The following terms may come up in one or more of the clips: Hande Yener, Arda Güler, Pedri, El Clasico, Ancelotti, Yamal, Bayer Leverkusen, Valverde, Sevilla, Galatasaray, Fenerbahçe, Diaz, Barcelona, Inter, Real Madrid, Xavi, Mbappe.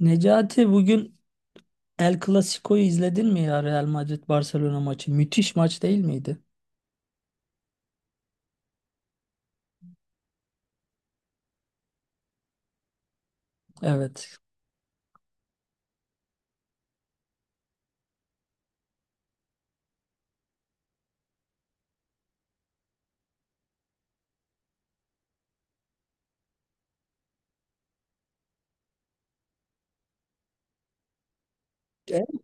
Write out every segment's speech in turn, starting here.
Necati bugün El Clasico'yu izledin mi ya, Real Madrid Barcelona maçı? Müthiş maç değil miydi? Evet. E?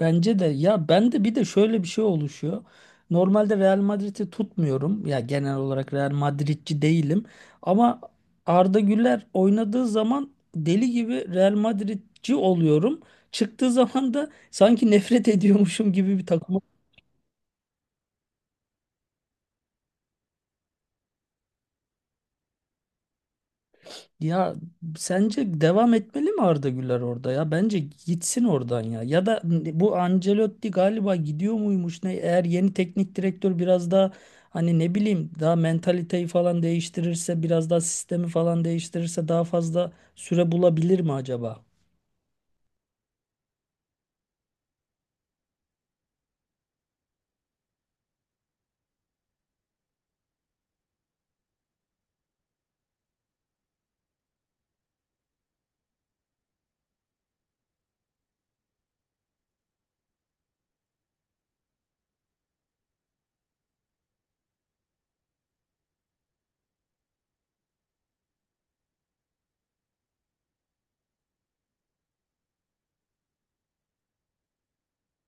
Bence de ya, ben de bir de şöyle bir şey oluşuyor. Normalde Real Madrid'i tutmuyorum. Ya, genel olarak Real Madridci değilim. Ama Arda Güler oynadığı zaman deli gibi Real Madridci oluyorum. Çıktığı zaman da sanki nefret ediyormuşum gibi bir takım. Ya sence devam etmeli mi Arda Güler orada ya? Bence gitsin oradan ya. Ya da bu Ancelotti galiba gidiyor muymuş ne? Eğer yeni teknik direktör biraz daha hani, ne bileyim, daha mentaliteyi falan değiştirirse, biraz daha sistemi falan değiştirirse daha fazla süre bulabilir mi acaba?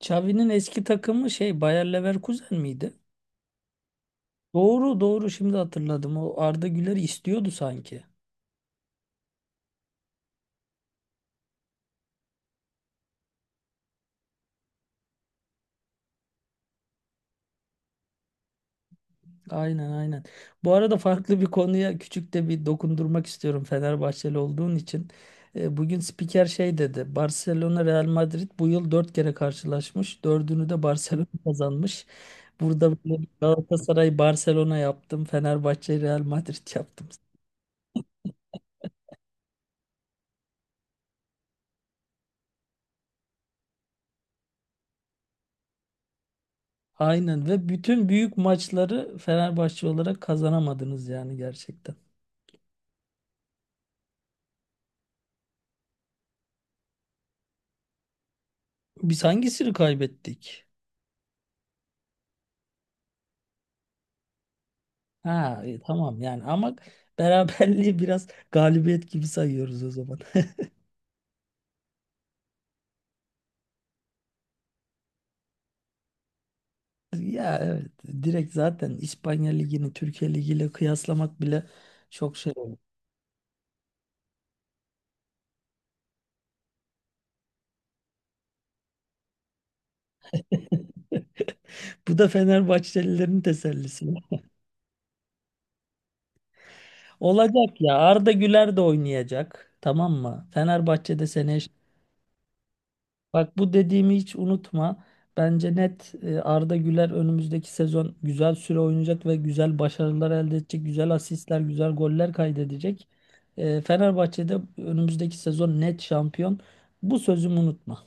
Xavi'nin eski takımı şey, Bayer Leverkusen miydi? Doğru doğru, şimdi hatırladım. O Arda Güler'i istiyordu sanki. Aynen aynen. Bu arada farklı bir konuya küçük de bir dokundurmak istiyorum Fenerbahçeli olduğun için. Bugün spiker şey dedi. Barcelona Real Madrid bu yıl 4 kere karşılaşmış. Dördünü de Barcelona kazanmış. Burada böyle Galatasaray Barcelona yaptım, Fenerbahçe Real Madrid yaptım. Aynen, ve bütün büyük maçları Fenerbahçe olarak kazanamadınız yani, gerçekten. Biz hangisini kaybettik? Ha, tamam yani, ama beraberliği biraz galibiyet gibi sayıyoruz o zaman. Ya evet, direkt zaten İspanya Ligi'ni Türkiye Ligi'yle kıyaslamak bile çok şey oldu. Bu da Fenerbahçelilerin tesellisi. Olacak ya, Arda Güler de oynayacak, tamam mı? Fenerbahçe'de seneye. Bak, bu dediğimi hiç unutma. Bence net, Arda Güler önümüzdeki sezon güzel süre oynayacak ve güzel başarılar elde edecek. Güzel asistler, güzel goller kaydedecek. Fenerbahçe'de önümüzdeki sezon net şampiyon. Bu sözümü unutma.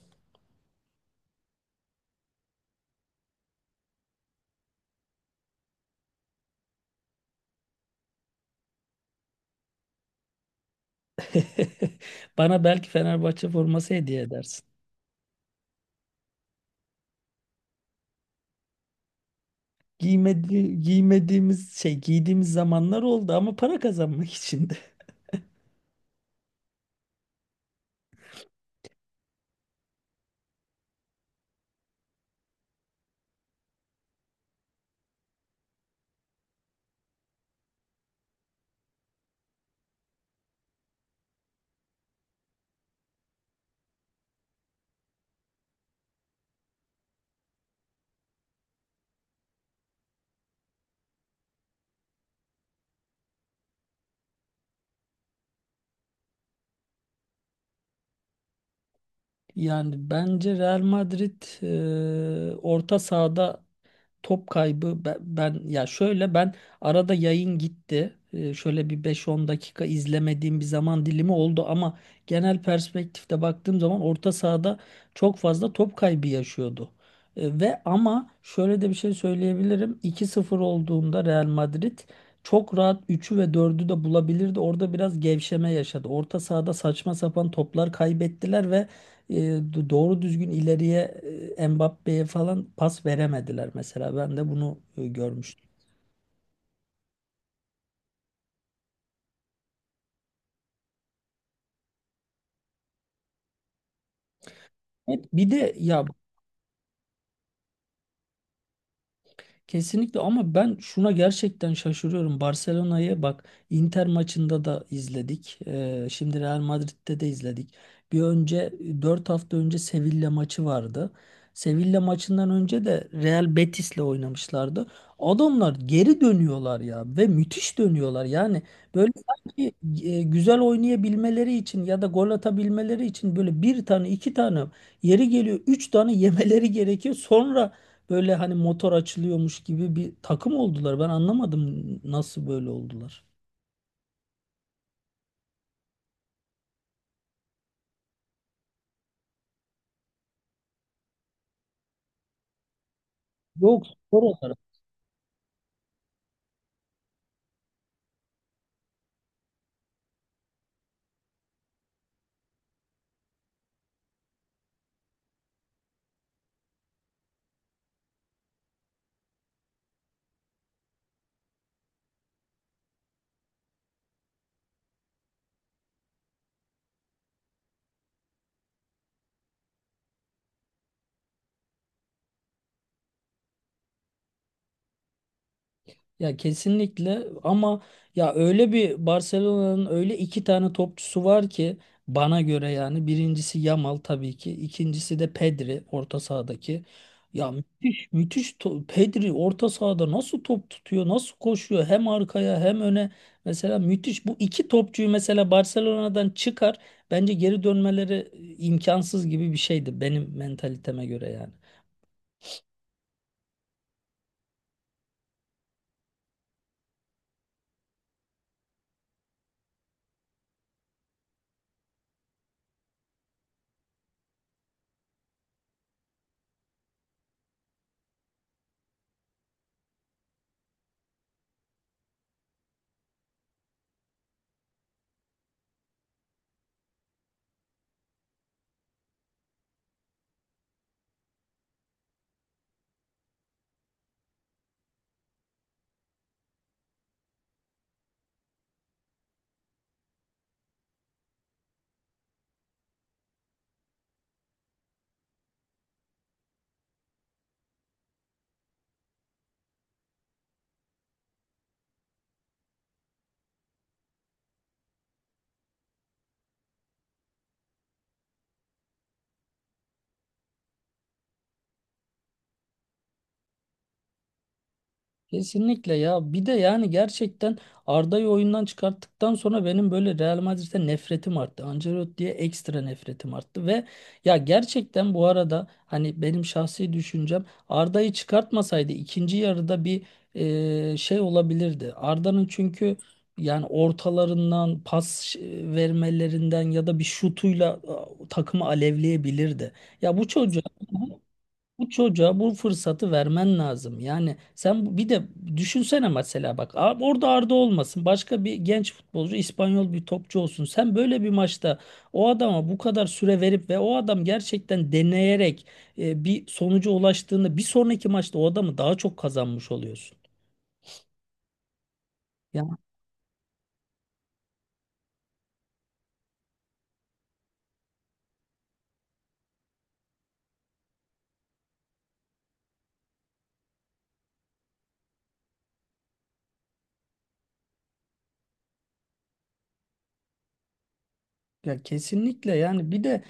Bana belki Fenerbahçe forması hediye edersin. Giymediğimiz şey, giydiğimiz zamanlar oldu ama para kazanmak için de. Yani bence Real Madrid, orta sahada top kaybı, ya şöyle, ben arada yayın gitti. Şöyle bir beş on dakika izlemediğim bir zaman dilimi oldu ama genel perspektifte baktığım zaman orta sahada çok fazla top kaybı yaşıyordu. Ve ama şöyle de bir şey söyleyebilirim. 2-0 olduğunda Real Madrid çok rahat üçü ve dördü de bulabilirdi. Orada biraz gevşeme yaşadı. Orta sahada saçma sapan toplar kaybettiler ve doğru düzgün ileriye, Mbappe'ye falan pas veremediler mesela. Ben de bunu görmüştüm. Evet, bir de ya. Kesinlikle, ama ben şuna gerçekten şaşırıyorum. Barcelona'yı bak, Inter maçında da izledik. Şimdi Real Madrid'de de izledik. Bir önce 4 hafta önce Sevilla maçı vardı. Sevilla maçından önce de Real Betis'le oynamışlardı. Adamlar geri dönüyorlar ya, ve müthiş dönüyorlar. Yani böyle, sanki güzel oynayabilmeleri için ya da gol atabilmeleri için böyle bir tane, iki tane, yeri geliyor üç tane yemeleri gerekiyor. Sonra böyle hani motor açılıyormuş gibi bir takım oldular. Ben anlamadım nasıl böyle oldular. Yok, spor olarak. Ya kesinlikle, ama ya, öyle bir Barcelona'nın öyle iki tane topçusu var ki, bana göre yani, birincisi Yamal tabii ki, ikincisi de Pedri, orta sahadaki. Ya müthiş müthiş Pedri orta sahada nasıl top tutuyor, nasıl koşuyor, hem arkaya hem öne mesela. Müthiş. Bu iki topçuyu mesela Barcelona'dan çıkar, bence geri dönmeleri imkansız gibi bir şeydi benim mentaliteme göre yani. Kesinlikle ya. Bir de yani gerçekten Arda'yı oyundan çıkarttıktan sonra benim böyle Real Madrid'e nefretim arttı, Ancelotti'ye ekstra nefretim arttı. Ve ya gerçekten, bu arada hani benim şahsi düşüncem, Arda'yı çıkartmasaydı ikinci yarıda bir şey olabilirdi. Arda'nın çünkü, yani ortalarından pas vermelerinden ya da bir şutuyla takımı alevleyebilirdi. Ya bu çocuğa bu fırsatı vermen lazım. Yani sen, bir de düşünsene mesela, bak, orada Arda olmasın, başka bir genç futbolcu, İspanyol bir topçu olsun. Sen böyle bir maçta o adama bu kadar süre verip ve o adam gerçekten deneyerek bir sonuca ulaştığında, bir sonraki maçta o adamı daha çok kazanmış oluyorsun. Ya, kesinlikle yani. Bir de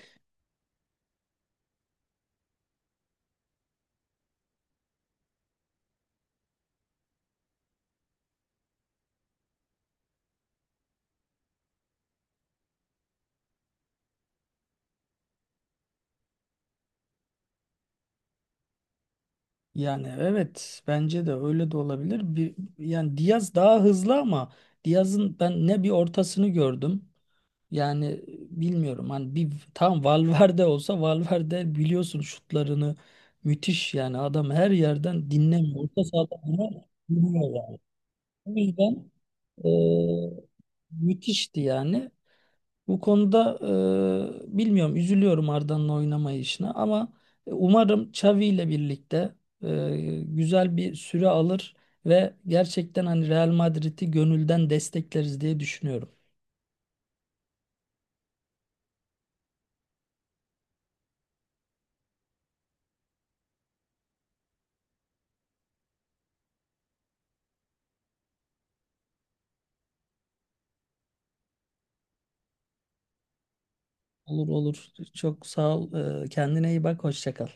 yani, evet, bence de öyle de olabilir. Bir, yani Diaz daha hızlı ama Diaz'ın ben ne bir ortasını gördüm. Yani bilmiyorum, hani bir tam Valverde olsa, Valverde biliyorsun şutlarını müthiş, yani adam her yerden dinlemiyor. Orta sahada bunu biliyor yani. O yüzden eee, müthişti yani. Bu konuda bilmiyorum, üzülüyorum Arda'nın oynamayışına ama umarım Xavi ile birlikte güzel bir süre alır ve gerçekten hani Real Madrid'i gönülden destekleriz diye düşünüyorum. Olur olur. Çok sağ ol. Kendine iyi bak. Hoşça kal.